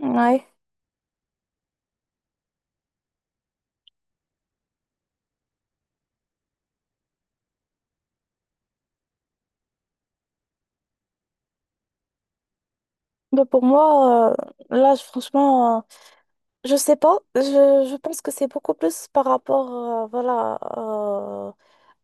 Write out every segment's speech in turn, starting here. Ouais. Mais pour moi, là, franchement, je sais pas. Je pense que c'est beaucoup plus par rapport, voilà,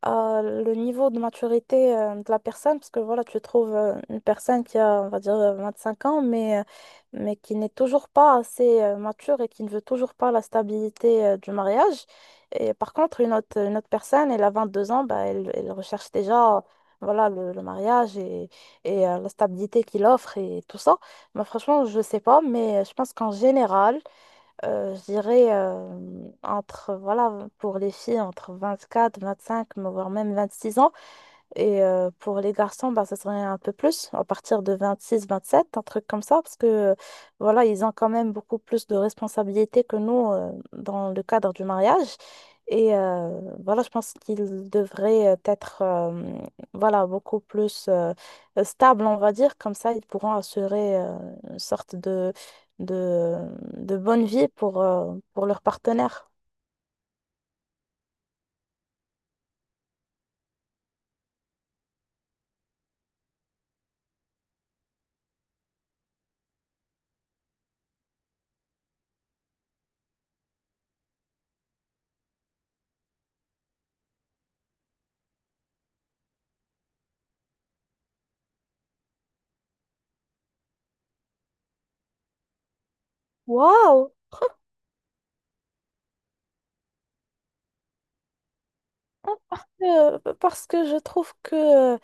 à le niveau de maturité de la personne, parce que voilà, tu trouves une personne qui a, on va dire, 25 ans, mais qui n'est toujours pas assez mature et qui ne veut toujours pas la stabilité du mariage. Et par contre, une autre personne, elle a 22 ans. Bah, elle recherche déjà voilà, le mariage et la stabilité qu'il offre et tout ça. Bah, franchement, je sais pas, je pense qu'en général, je dirais entre, voilà, pour les filles, entre 24, 25, mais voire même 26 ans. Et pour les garçons, bah, ça serait un peu plus, à partir de 26, 27, un truc comme ça, parce que voilà, ils ont quand même beaucoup plus de responsabilités que nous dans le cadre du mariage. Et voilà, je pense qu'ils devraient être voilà, beaucoup plus stables, on va dire. Comme ça, ils pourront assurer une sorte de, de bonne vie pour, pour leur partenaire. Waouh! Parce que je trouve que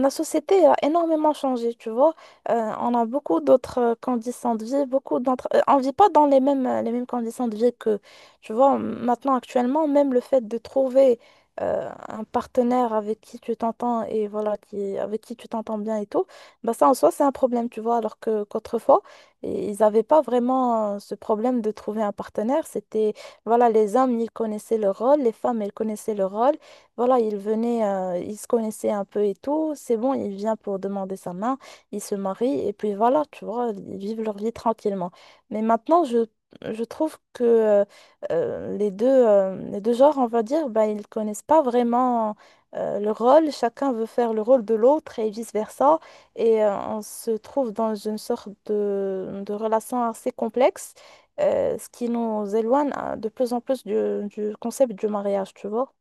la société a énormément changé, tu vois. On a beaucoup d'autres conditions de vie, on vit pas dans les mêmes conditions de vie que, tu vois, maintenant, actuellement. Même le fait de trouver un partenaire avec qui tu t'entends et voilà, avec qui tu t'entends bien et tout, bah ça en soi, c'est un problème, tu vois, alors que qu'autrefois, ils n'avaient pas vraiment ce problème de trouver un partenaire. C'était, voilà, les hommes, ils connaissaient leur rôle, les femmes, elles connaissaient leur rôle. Voilà, il venait, il se connaissait un peu et tout. C'est bon, il vient pour demander sa main, il se marie et puis voilà, tu vois, ils vivent leur vie tranquillement. Mais maintenant, je trouve que les deux genres, on va dire, ben, ils connaissent pas vraiment le rôle. Chacun veut faire le rôle de l'autre et vice-versa. Et on se trouve dans une sorte de relation assez complexe, ce qui nous éloigne de plus en plus du concept du mariage, tu vois.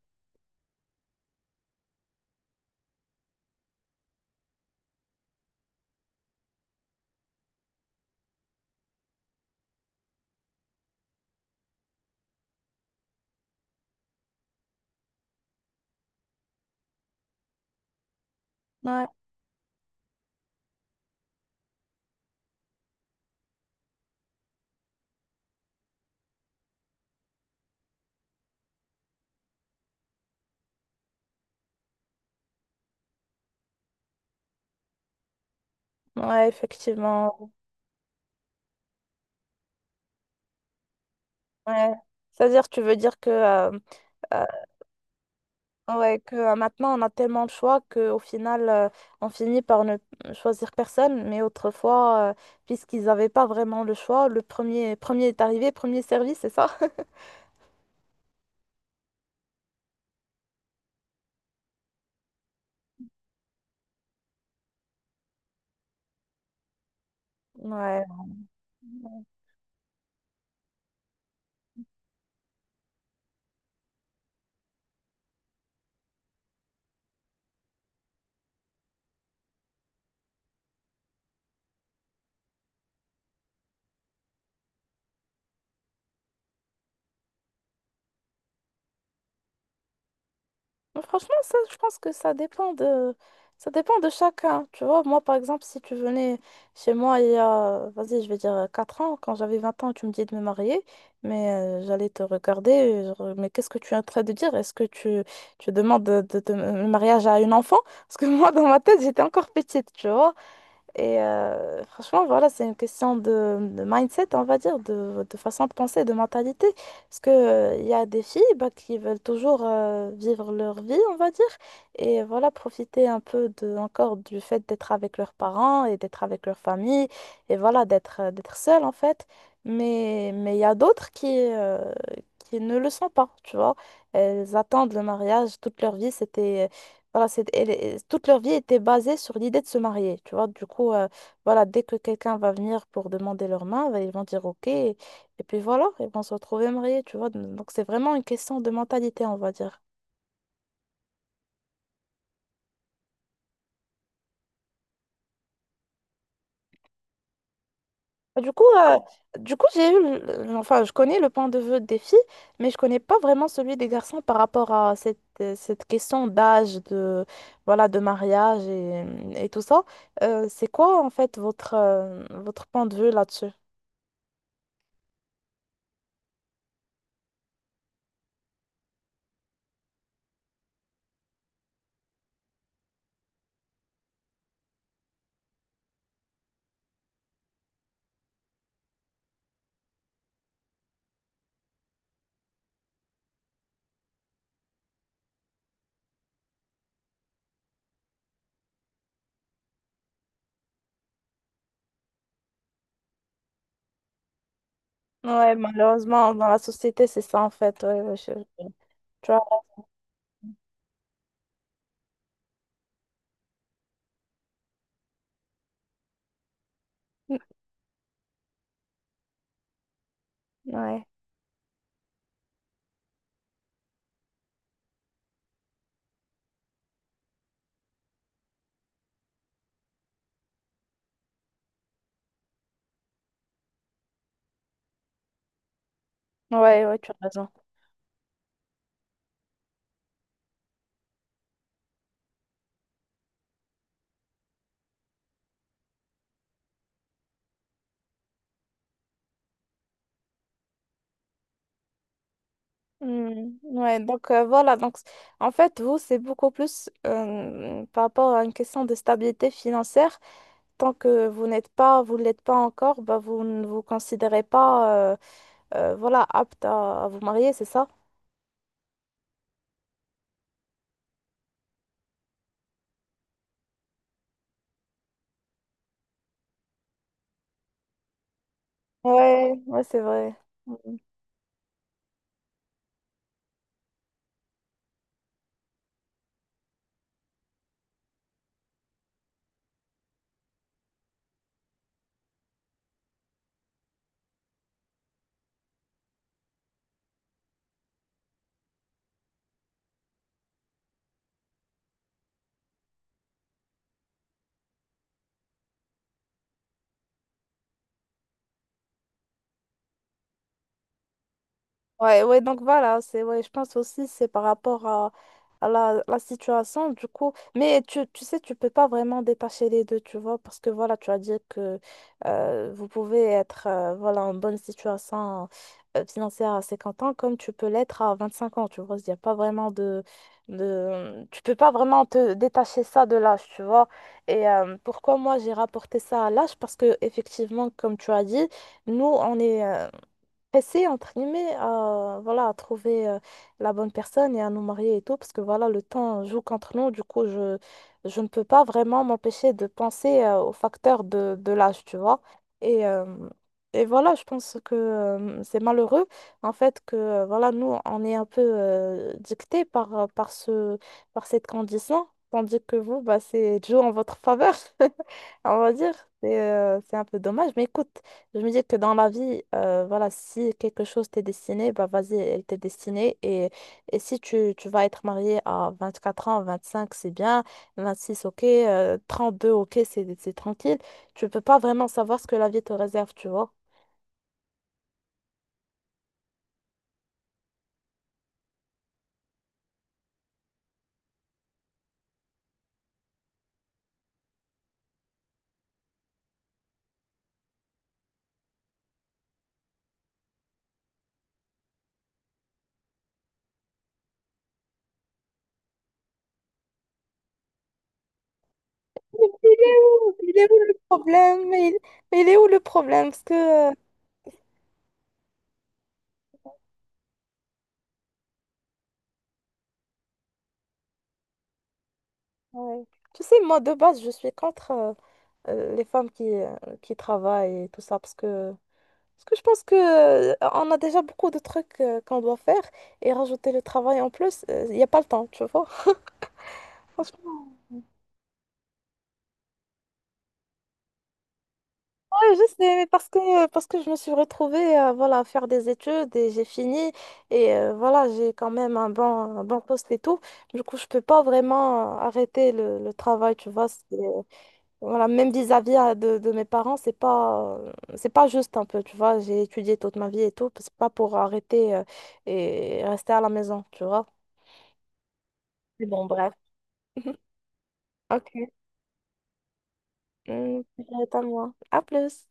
Ouais, effectivement. Ouais. C'est-à-dire, tu veux dire que, euh, ouais, que maintenant, on a tellement de choix qu'au final, on finit par ne choisir personne. Mais autrefois, puisqu'ils n'avaient pas vraiment le choix, le premier est arrivé, premier servi, c'est ça? Ouais. Mais franchement, ça, je pense que ça dépend de chacun. Tu vois, moi, par exemple, si tu venais chez moi il y a, vas-y, je vais dire 4 ans, quand j'avais 20 ans, tu me disais de me marier, mais j'allais te regarder, genre, mais qu'est-ce que tu es en train de dire? Est-ce que tu demandes le mariage à une enfant? Parce que moi, dans ma tête, j'étais encore petite, tu vois. Et franchement, voilà, c'est une question de mindset, on va dire, de façon de penser, de mentalité. Parce que, il y a des filles bah, qui veulent toujours vivre leur vie, on va dire, et voilà, profiter un peu de, encore du fait d'être avec leurs parents et d'être avec leur famille, et voilà, d'être seule, en fait. Mais il y a d'autres qui ne le sont pas, tu vois. Elles attendent le mariage toute leur vie. C'était voilà, toute leur vie était basée sur l'idée de se marier, tu vois. Du coup, voilà, dès que quelqu'un va venir pour demander leur main, bah, ils vont dire OK. Et puis voilà, ils vont se retrouver mariés, tu vois. Donc c'est vraiment une question de mentalité, on va dire. Bah, du coup, j'ai eu, le- enfin, je connais le point de vue des filles, mais je connais pas vraiment celui des garçons par rapport à cette question d'âge, de, voilà, de mariage et tout ça. C'est quoi, en fait, votre point de vue là-dessus? Ouais, malheureusement, dans la société, c'est ça en fait. Ouais, ouais, tu vois. Ouais, ouais, ouais, tu as raison. Hmm, ouais, donc voilà, en fait, vous, c'est beaucoup plus par rapport à une question de stabilité financière. Tant que vous ne l'êtes pas encore, bah, vous ne vous considérez pas voilà, apte à vous marier, c'est ça? Ouais, ouais, c'est vrai. Mmh. Ouais, ouais, donc voilà, ouais, je pense aussi c'est par rapport à la situation, du coup. Mais tu sais, tu peux pas vraiment détacher les deux, tu vois, parce que voilà, tu as dit que vous pouvez être voilà, en bonne situation financière à 50 ans, comme tu peux l'être à 25 ans, tu vois. Il y a pas vraiment. Tu peux pas vraiment te détacher ça de l'âge, tu vois. Et pourquoi moi j'ai rapporté ça à l'âge? Parce que, effectivement, comme tu as dit, nous, on est, pressés, entre guillemets, à, voilà, à trouver la bonne personne et à nous marier et tout, parce que voilà, le temps joue contre nous. Du coup, je ne peux pas vraiment m'empêcher de penser au facteur de l'âge, tu vois. Et, euh, et voilà, je pense que c'est malheureux, en fait, que voilà, nous, on est un peu dictés par cette condition, tandis que vous, bah, c'est joue en votre faveur, on va dire. C'est un peu dommage, mais écoute. Je me dis que dans la vie, voilà, si quelque chose t'est destiné, bah vas-y, elle t'est destinée. Et si tu vas être marié à 24 ans, 25, c'est bien, 26, ok, 32, ok, c'est tranquille. Tu peux pas vraiment savoir ce que la vie te réserve, tu vois. Il est où? Il est où le problème? Mais il est où le problème? Ouais. Tu sais, moi, de base, je suis contre les femmes qui travaillent et tout ça, parce que parce que je pense que, on a déjà beaucoup de trucs qu'on doit faire et rajouter le travail en plus, il n'y a pas le temps, tu vois. Franchement, ouais, je sais, mais parce que je me suis retrouvée voilà, à faire des études et j'ai fini et voilà, j'ai quand même un bon poste et tout. Du coup, je peux pas vraiment arrêter le travail, tu vois. Voilà, même vis-à-vis de mes parents, c'est pas juste un peu, tu vois. J'ai étudié toute ma vie et tout, c'est pas pour arrêter et rester à la maison, tu vois. Mais bon, bref. Mhm. Ok. Je vais être à moi. À plus.